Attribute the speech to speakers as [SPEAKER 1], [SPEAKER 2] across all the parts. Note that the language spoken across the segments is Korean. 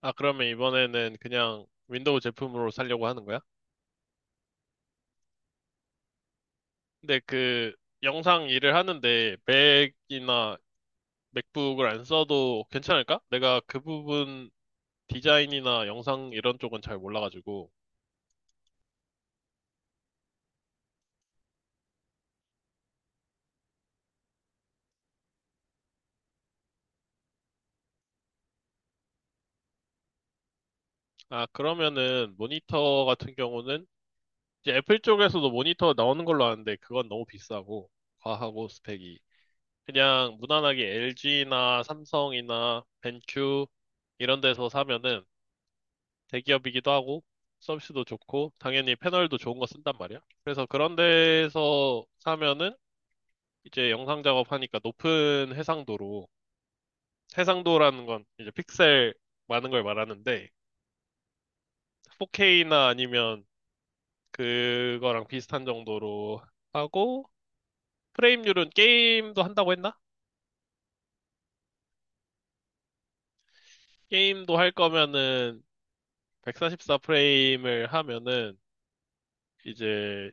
[SPEAKER 1] 아, 그러면 이번에는 그냥 윈도우 제품으로 살려고 하는 거야? 근데 그 영상 일을 하는데 맥이나 맥북을 안 써도 괜찮을까? 내가 그 부분 디자인이나 영상 이런 쪽은 잘 몰라가지고. 아, 그러면은 모니터 같은 경우는 이제 애플 쪽에서도 모니터 나오는 걸로 아는데 그건 너무 비싸고 과하고 스펙이. 그냥 무난하게 LG나 삼성이나 벤큐 이런 데서 사면은 대기업이기도 하고 서비스도 좋고 당연히 패널도 좋은 거 쓴단 말이야. 그래서 그런 데서 사면은 이제 영상 작업하니까 높은 해상도로. 해상도라는 건 이제 픽셀 많은 걸 말하는데 4K나 아니면 그거랑 비슷한 정도로 하고, 프레임률은? 게임도 한다고 했나? 게임도 할 거면은 144 프레임을 하면은 이제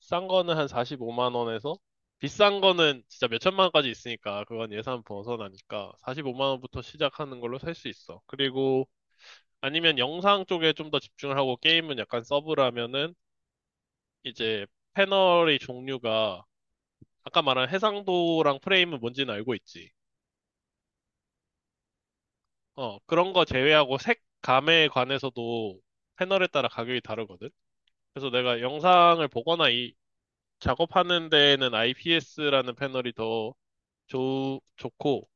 [SPEAKER 1] 싼 거는 한 45만 원에서 비싼 거는 진짜 몇 천만 원까지 있으니까, 그건 예산 벗어나니까 45만 원부터 시작하는 걸로 살 수 있어. 그리고 아니면 영상 쪽에 좀 더 집중을 하고 게임은 약간 서브라면은 이제 패널의 종류가, 아까 말한 해상도랑 프레임은 뭔지는 알고 있지. 어, 그런 거 제외하고 색감에 관해서도 패널에 따라 가격이 다르거든. 그래서 내가 영상을 보거나 이 작업하는 데에는 IPS라는 패널이 더 좋고,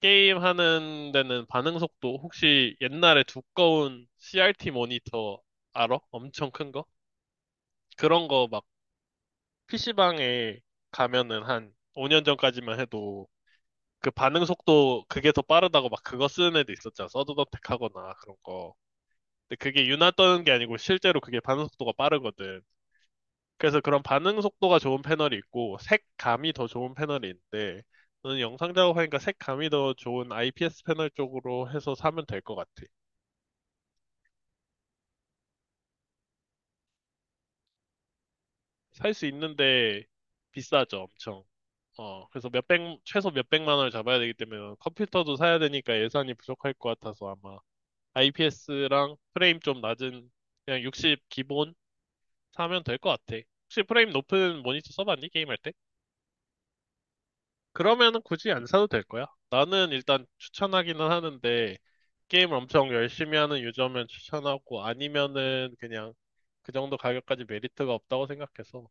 [SPEAKER 1] 게임 하는 데는 반응 속도, 혹시 옛날에 두꺼운 CRT 모니터 알아? 엄청 큰 거? 그런 거 막 PC방에 가면은 한 5년 전까지만 해도 그 반응 속도, 그게 더 빠르다고 막 그거 쓰는 애도 있었잖아. 서든어택 하거나 그런 거. 근데 그게 유나 떠는 게 아니고 실제로 그게 반응 속도가 빠르거든. 그래서 그런 반응 속도가 좋은 패널이 있고 색감이 더 좋은 패널이 있는데, 너는 영상 작업하니까 색감이 더 좋은 IPS 패널 쪽으로 해서 사면 될 것 같아. 살 수 있는데 비싸죠, 엄청. 어, 그래서 몇백, 최소 몇백만 원을 잡아야 되기 때문에, 컴퓨터도 사야 되니까 예산이 부족할 것 같아서 아마 IPS랑 프레임 좀 낮은 그냥 60 기본 사면 될 것 같아. 혹시 프레임 높은 모니터 써봤니? 게임할 때? 그러면은 굳이 안 사도 될 거야. 나는 일단 추천하기는 하는데, 게임을 엄청 열심히 하는 유저면 추천하고 아니면은 그냥 그 정도 가격까지 메리트가 없다고 생각해서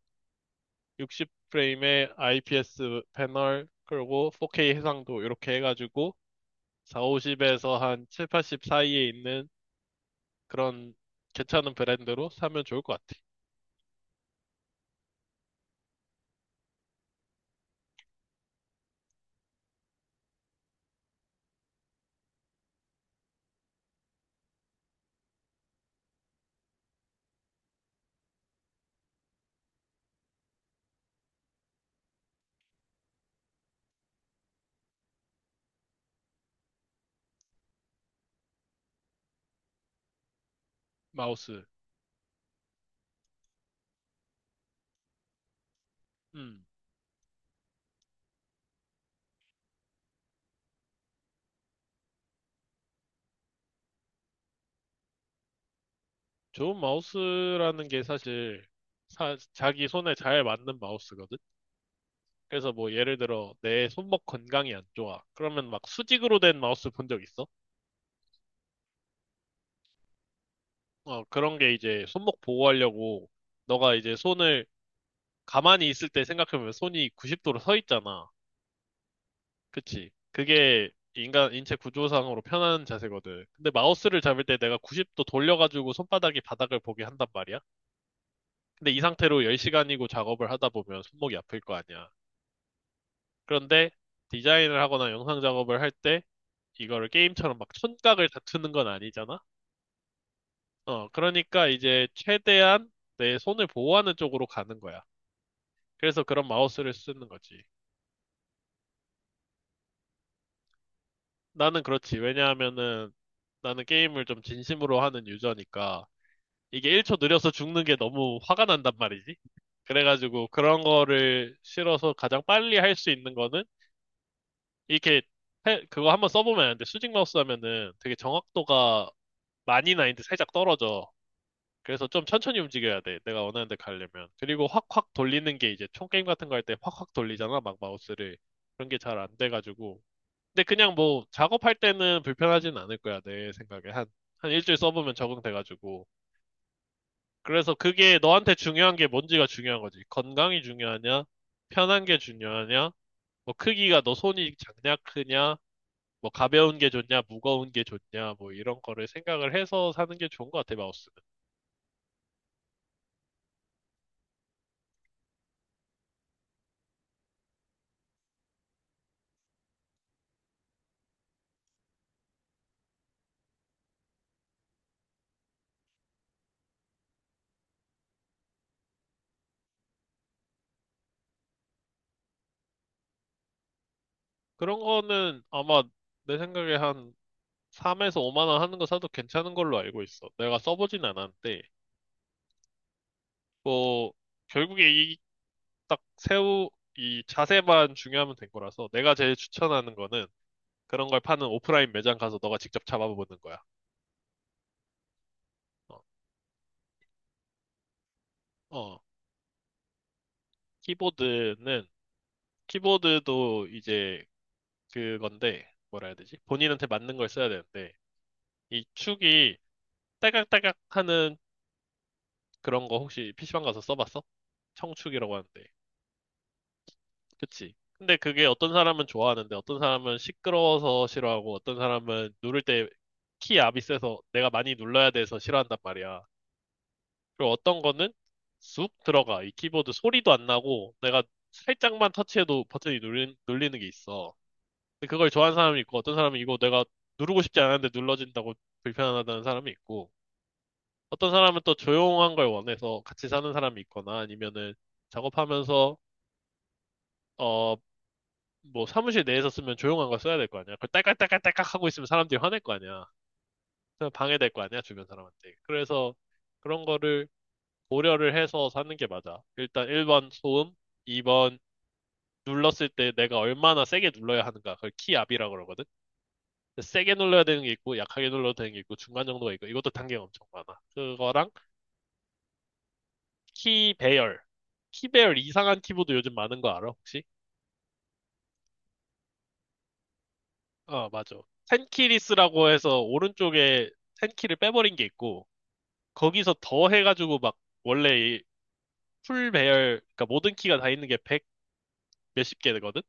[SPEAKER 1] 60프레임의 IPS 패널, 그리고 4K 해상도, 이렇게 해가지고 450에서 한 7, 80 사이에 있는 그런 괜찮은 브랜드로 사면 좋을 것 같아. 마우스. 음, 좋은 마우스라는 게 사실 자기 손에 잘 맞는 마우스거든. 그래서 뭐 예를 들어 내 손목 건강이 안 좋아. 그러면 막 수직으로 된 마우스 본 적 있어? 어, 그런 게 이제 손목 보호하려고. 너가 이제 손을 가만히 있을 때 생각해보면 손이 90도로 서 있잖아. 그치? 그게 인간 인체 구조상으로 편한 자세거든. 근데 마우스를 잡을 때 내가 90도 돌려가지고 손바닥이 바닥을 보게 한단 말이야. 근데 이 상태로 10시간이고 작업을 하다 보면 손목이 아플 거 아니야. 그런데 디자인을 하거나 영상 작업을 할 때 이거를 게임처럼 막 촌각을 다투는 건 아니잖아? 어, 그러니까 이제 최대한 내 손을 보호하는 쪽으로 가는 거야. 그래서 그런 마우스를 쓰는 거지. 나는 그렇지. 왜냐하면은 나는 게임을 좀 진심으로 하는 유저니까 이게 1초 느려서 죽는 게 너무 화가 난단 말이지. 그래가지고 그런 거를 싫어서 가장 빨리 할 수 있는 거는 이렇게 그거 한번 써보면 아는데, 수직 마우스 하면은 되게 정확도가 많이 나는데 살짝 떨어져. 그래서 좀 천천히 움직여야 돼. 내가 원하는 데 가려면. 그리고 확확 돌리는 게, 이제 총 게임 같은 거 할 때 확확 돌리잖아, 막 마우스를. 그런 게 잘 안 돼가지고. 근데 그냥 뭐 작업할 때는 불편하진 않을 거야, 내 생각에. 한, 한 일주일 써보면 적응돼가지고. 그래서 그게 너한테 중요한 게 뭔지가 중요한 거지. 건강이 중요하냐? 편한 게 중요하냐? 뭐 크기가, 너 손이 작냐, 크냐? 뭐 가벼운 게 좋냐, 무거운 게 좋냐? 뭐 이런 거를 생각을 해서 사는 게 좋은 것 같아, 마우스는. 그런 거는 아마 내 생각에 한 3에서 5만 원 하는 거 사도 괜찮은 걸로 알고 있어, 내가 써보진 않았는데. 뭐 결국에 딱 새우, 이 자세만 중요하면 된 거라서 내가 제일 추천하는 거는 그런 걸 파는 오프라인 매장 가서 너가 직접 잡아보는 거야. 어, 어. 키보드는, 키보드도 이제 그건데, 뭐라 해야 되지? 본인한테 맞는 걸 써야 되는데, 이 축이 딸깍딸깍 하는 그런 거 혹시 PC방 가서 써봤어? 청축이라고 하는데. 그치? 근데 그게 어떤 사람은 좋아하는데 어떤 사람은 시끄러워서 싫어하고, 어떤 사람은 누를 때 키 압이 세서 내가 많이 눌러야 돼서 싫어한단 말이야. 그리고 어떤 거는 쑥 들어가. 이 키보드 소리도 안 나고 내가 살짝만 터치해도 버튼이 눌리는 게 있어. 근데 그걸 좋아하는 사람이 있고, 어떤 사람은 이거 내가 누르고 싶지 않았는데 눌러진다고 불편하다는 사람이 있고, 어떤 사람은 또 조용한 걸 원해서 같이 사는 사람이 있거나, 아니면은 작업하면서, 어, 뭐 사무실 내에서 쓰면 조용한 걸 써야 될 거 아니야. 그걸 딸깍딸깍딸깍 하고 있으면 사람들이 화낼 거 아니야. 그냥 방해될 거 아니야, 주변 사람한테. 그래서 그런 거를 고려를 해서 사는 게 맞아. 일단 1번 소음, 2번 눌렀을 때 내가 얼마나 세게 눌러야 하는가. 그걸 키압이라고 그러거든. 근데 세게 눌러야 되는 게 있고 약하게 눌러도 되는 게 있고 중간 정도가 있고, 이것도 단계가 엄청 많아. 그거랑 키 배열. 키 배열 이상한 키보드 요즘 많은 거 알아 혹시? 어, 맞아. 텐키리스라고 해서 오른쪽에 텐키를 빼버린 게 있고, 거기서 더 해가지고 막, 원래 이풀 배열, 그러니까 모든 키가 다 있는 게 100 몇십 개 되거든.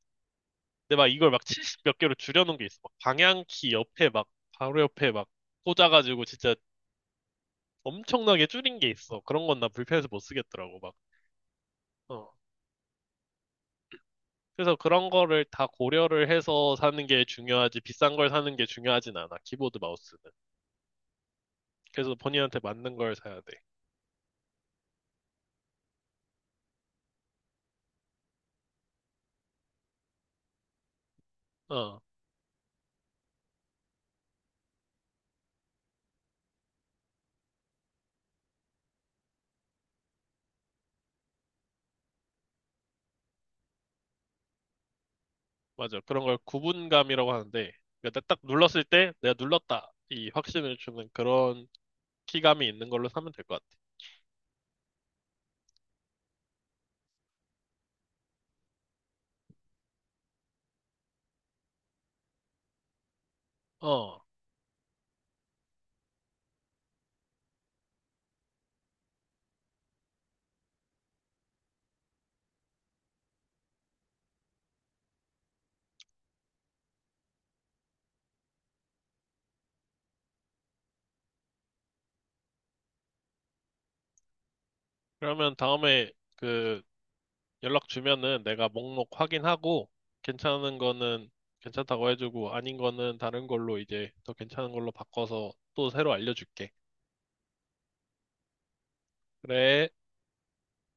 [SPEAKER 1] 근데 막 이걸 막 70 몇 개로 줄여놓은 게 있어. 막 방향키 옆에 막, 바로 옆에 막 꽂아가지고 진짜 엄청나게 줄인 게 있어. 그런 건 나 불편해서 못 쓰겠더라고, 막. 어. 그래서 그런 거를 다 고려를 해서 사는 게 중요하지, 비싼 걸 사는 게 중요하진 않아, 키보드 마우스는. 그래서 본인한테 맞는 걸 사야 돼. 어, 맞아. 그런 걸 구분감이라고 하는데, 그러니까 딱 눌렀을 때 내가 눌렀다, 이 확신을 주는 그런 키감이 있는 걸로 사면 될 것 같아. 어, 그러면 다음에 그 연락 주면은 내가 목록 확인하고, 괜찮은 거는 괜찮다고 해주고, 아닌 거는 다른 걸로 이제 더 괜찮은 걸로 바꿔서 또 새로 알려줄게. 그래.